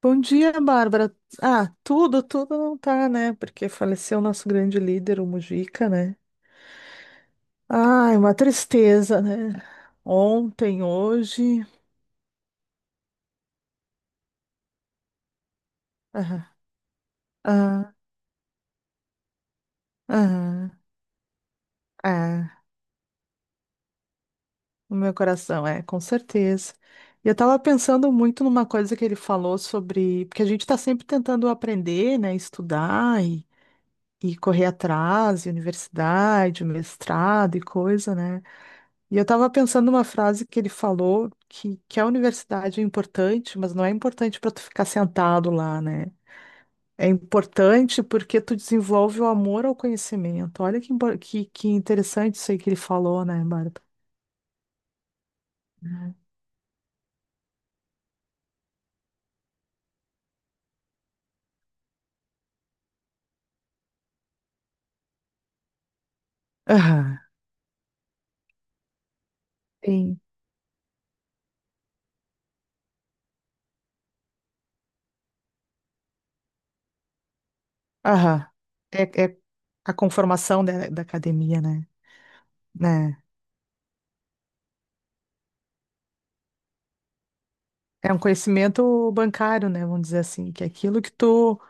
Bom dia, Bárbara. Ah, tudo, não tá, né? Porque faleceu o nosso grande líder, o Mujica, né? Ai, uma tristeza, né? Ontem, hoje. Ah, ah, ah, ah, o meu coração, é, com certeza. E eu tava pensando muito numa coisa que ele falou sobre. Porque a gente tá sempre tentando aprender, né? Estudar e correr atrás, e universidade, mestrado e coisa, né? E eu estava pensando numa frase que ele falou, que a universidade é importante, mas não é importante para tu ficar sentado lá, né? É importante porque tu desenvolve o amor ao conhecimento. Olha que, que interessante isso aí que ele falou, né, Bárbara? Aham, sim. Aham. É a conformação da academia, né? Né? É um conhecimento bancário, né? Vamos dizer assim, que é aquilo que tu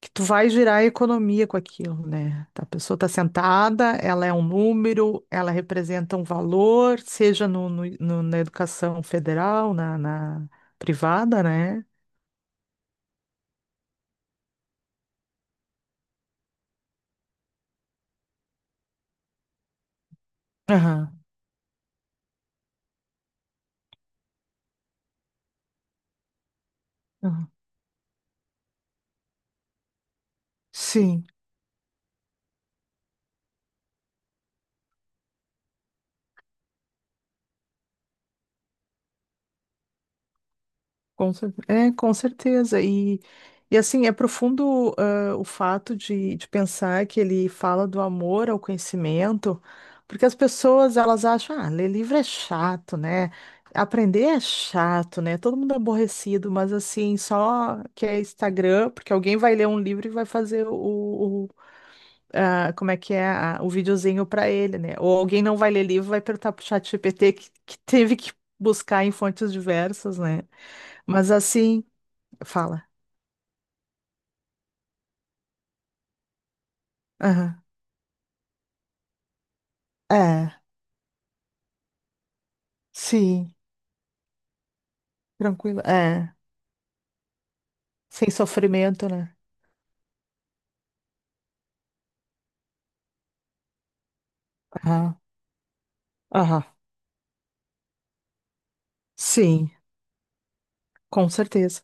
que tu vai girar a economia com aquilo, né? Tá, a pessoa está sentada, ela é um número, ela representa um valor, seja na educação federal, na privada, né? Aham, aham. Sim. É, com certeza. E assim, é profundo, ah, o fato de pensar que ele fala do amor ao conhecimento, porque as pessoas elas acham, ah, ler livro é chato, né? Aprender é chato, né? Todo mundo é aborrecido, mas assim, só que é Instagram, porque alguém vai ler um livro e vai fazer o, como é que é, o videozinho para ele, né? Ou alguém não vai ler livro, vai perguntar pro ChatGPT que teve que buscar em fontes diversas, né? Mas assim. Fala. Aham. É, sim, tranquilo. É, sem sofrimento, né? Aham. Aham. Sim, com certeza.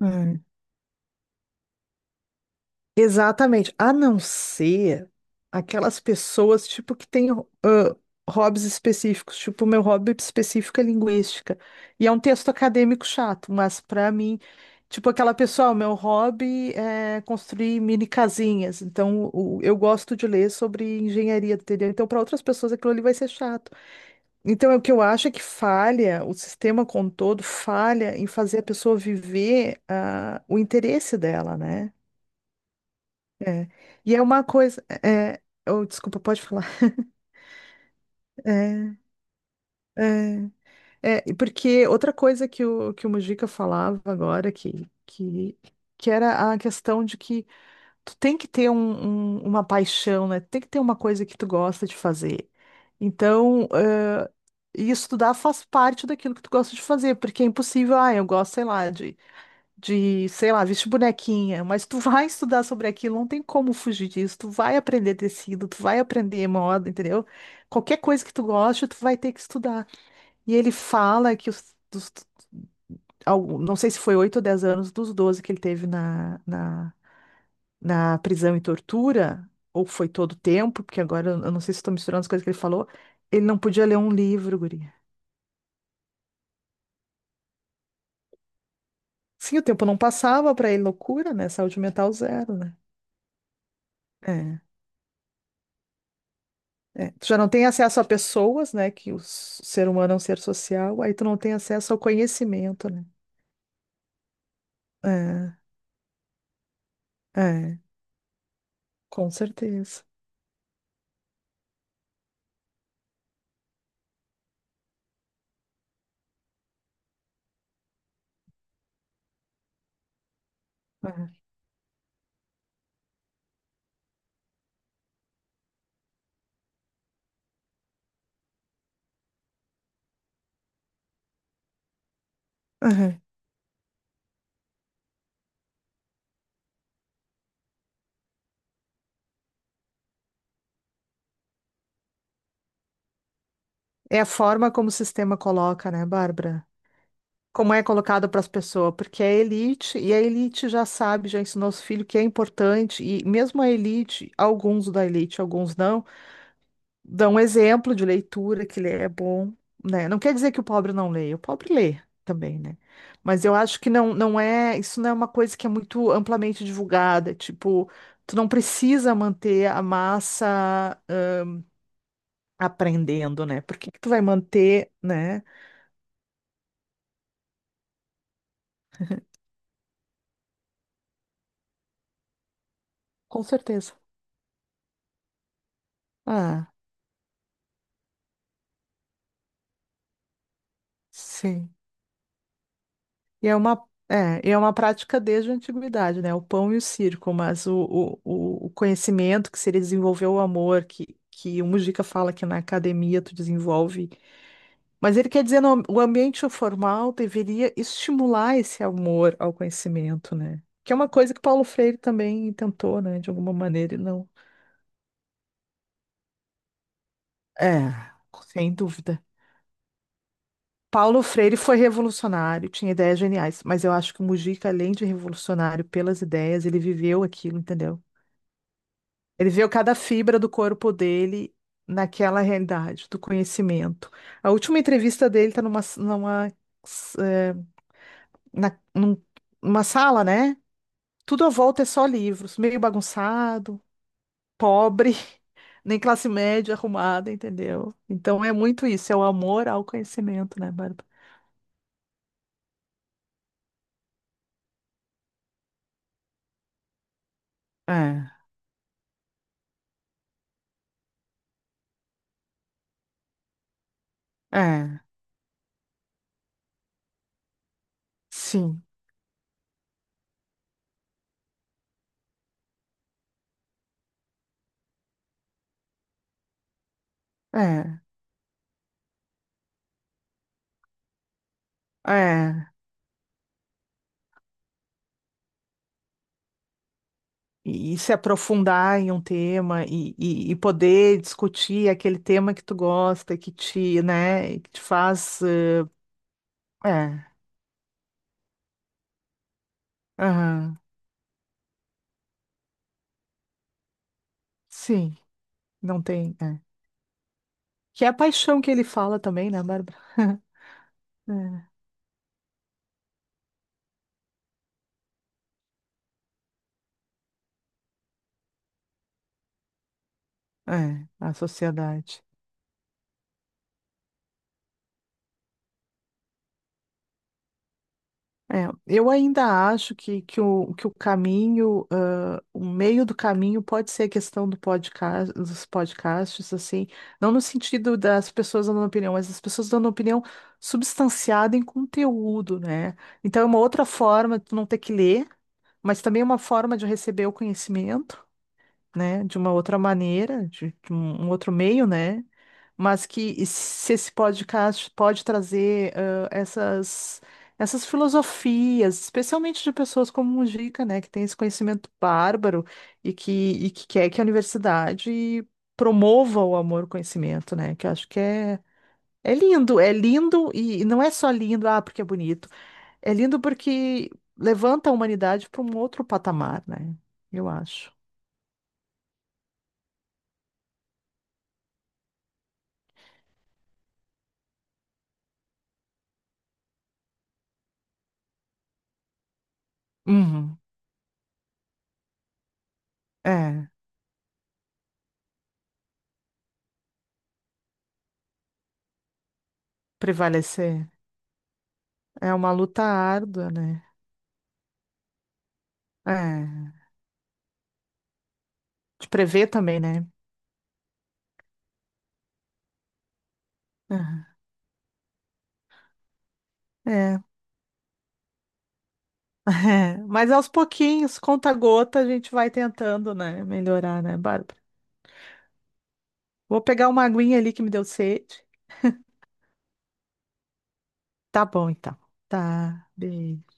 Hum. Exatamente. A não ser aquelas pessoas, tipo, que têm ah, hobbies específicos. Tipo, o meu hobby específico é linguística. E é um texto acadêmico chato, mas pra mim, tipo, aquela pessoa, "Ah, o meu hobby é construir mini casinhas. Então, eu gosto de ler sobre engenharia, entendeu? Então, para outras pessoas, aquilo ali vai ser chato. Então, é o que eu acho é que falha, o sistema como um todo falha em fazer a pessoa viver ah, o interesse dela, né? É. E é uma coisa. É, é, oh, desculpa, pode falar. É, é, e porque outra coisa que o Mujica falava agora, que era a questão de que tu tem que ter uma paixão, né? Tem que ter uma coisa que tu gosta de fazer. Então, e estudar faz parte daquilo que tu gosta de fazer, porque é impossível, ah, eu gosto, sei lá, sei lá, vestir bonequinha, mas tu vai estudar sobre aquilo, não tem como fugir disso, tu vai aprender tecido, tu vai aprender moda, entendeu? Qualquer coisa que tu goste, tu vai ter que estudar. E ele fala que não sei se foi 8 ou 10 anos dos 12 que ele teve na prisão e tortura, ou foi todo o tempo, porque agora eu não sei se estou misturando as coisas que ele falou, ele não podia ler um livro, guri. Sim, o tempo não passava para ele, loucura, né? Saúde mental zero, né? É, é. Tu já não tem acesso a pessoas, né? Que o ser humano é um ser social, aí tu não tem acesso ao conhecimento, né? É, é, com certeza. É, uhum. É a forma como o sistema coloca, né, Bárbara? Como é colocado para as pessoas, porque é elite, e a elite já sabe, já ensinou os filhos que é importante, e mesmo a elite, alguns da elite, alguns não. Dá um exemplo de leitura que ler é bom, né? Não quer dizer que o pobre não leia, o pobre lê também, né? Mas eu acho que não, é, isso não é uma coisa que é muito amplamente divulgada, é tipo, tu não precisa manter a massa ah, aprendendo, né? Por que que tu vai manter, né? Com certeza. Ah, sim. E é uma, é, e é uma prática desde a antiguidade, né? O pão e o circo, mas o conhecimento que se ele desenvolveu o amor, que o Mujica fala que na academia tu desenvolve. Mas ele quer dizer, no, o ambiente formal deveria estimular esse amor ao conhecimento, né? Que é uma coisa que Paulo Freire também tentou, né? De alguma maneira, e não. É, sem dúvida. Paulo Freire foi revolucionário, tinha ideias geniais, mas eu acho que o Mujica, além de revolucionário pelas ideias, ele viveu aquilo, entendeu? Ele viveu cada fibra do corpo dele naquela realidade do conhecimento. A última entrevista dele está numa, numa, eh, na- num- numa sala, né? Tudo à volta é só livros, meio bagunçado, pobre, nem classe média arrumada, entendeu? Então é muito isso, é o amor ao conhecimento, né, Bárbara? É, é, sim, é, é. E se aprofundar em um tema e poder discutir aquele tema que tu gosta, que te, né, que te faz. Eh, é, aham, sim, não tem. É. Que é a paixão que ele fala também, né, Bárbara? É, é, a sociedade. É, eu ainda acho que o caminho, ah, o meio do caminho pode ser a questão do podcast, dos podcasts, assim, não no sentido das pessoas dando opinião, mas as pessoas dando opinião substanciada em conteúdo, né? Então é uma outra forma de tu não ter que ler, mas também é uma forma de receber o conhecimento, né? De uma outra maneira, de um outro meio, né? Mas que se esse podcast pode trazer ah, essas, essas filosofias, especialmente de pessoas como o Mujica, né? Que tem esse conhecimento bárbaro e que quer que a universidade promova o amor ao conhecimento, né? Que eu acho que é. É lindo e não é só lindo, ah, porque é bonito. É lindo porque levanta a humanidade para um outro patamar, né? Eu acho. Uhum. É. Prevalecer. É uma luta árdua, né? É, de prever também, né? Aham. É, é. Mas aos pouquinhos, conta gota, a gente vai tentando, né? Melhorar, né, Bárbara? Vou pegar uma aguinha ali que me deu sede. Tá bom, então. Tá, beijo.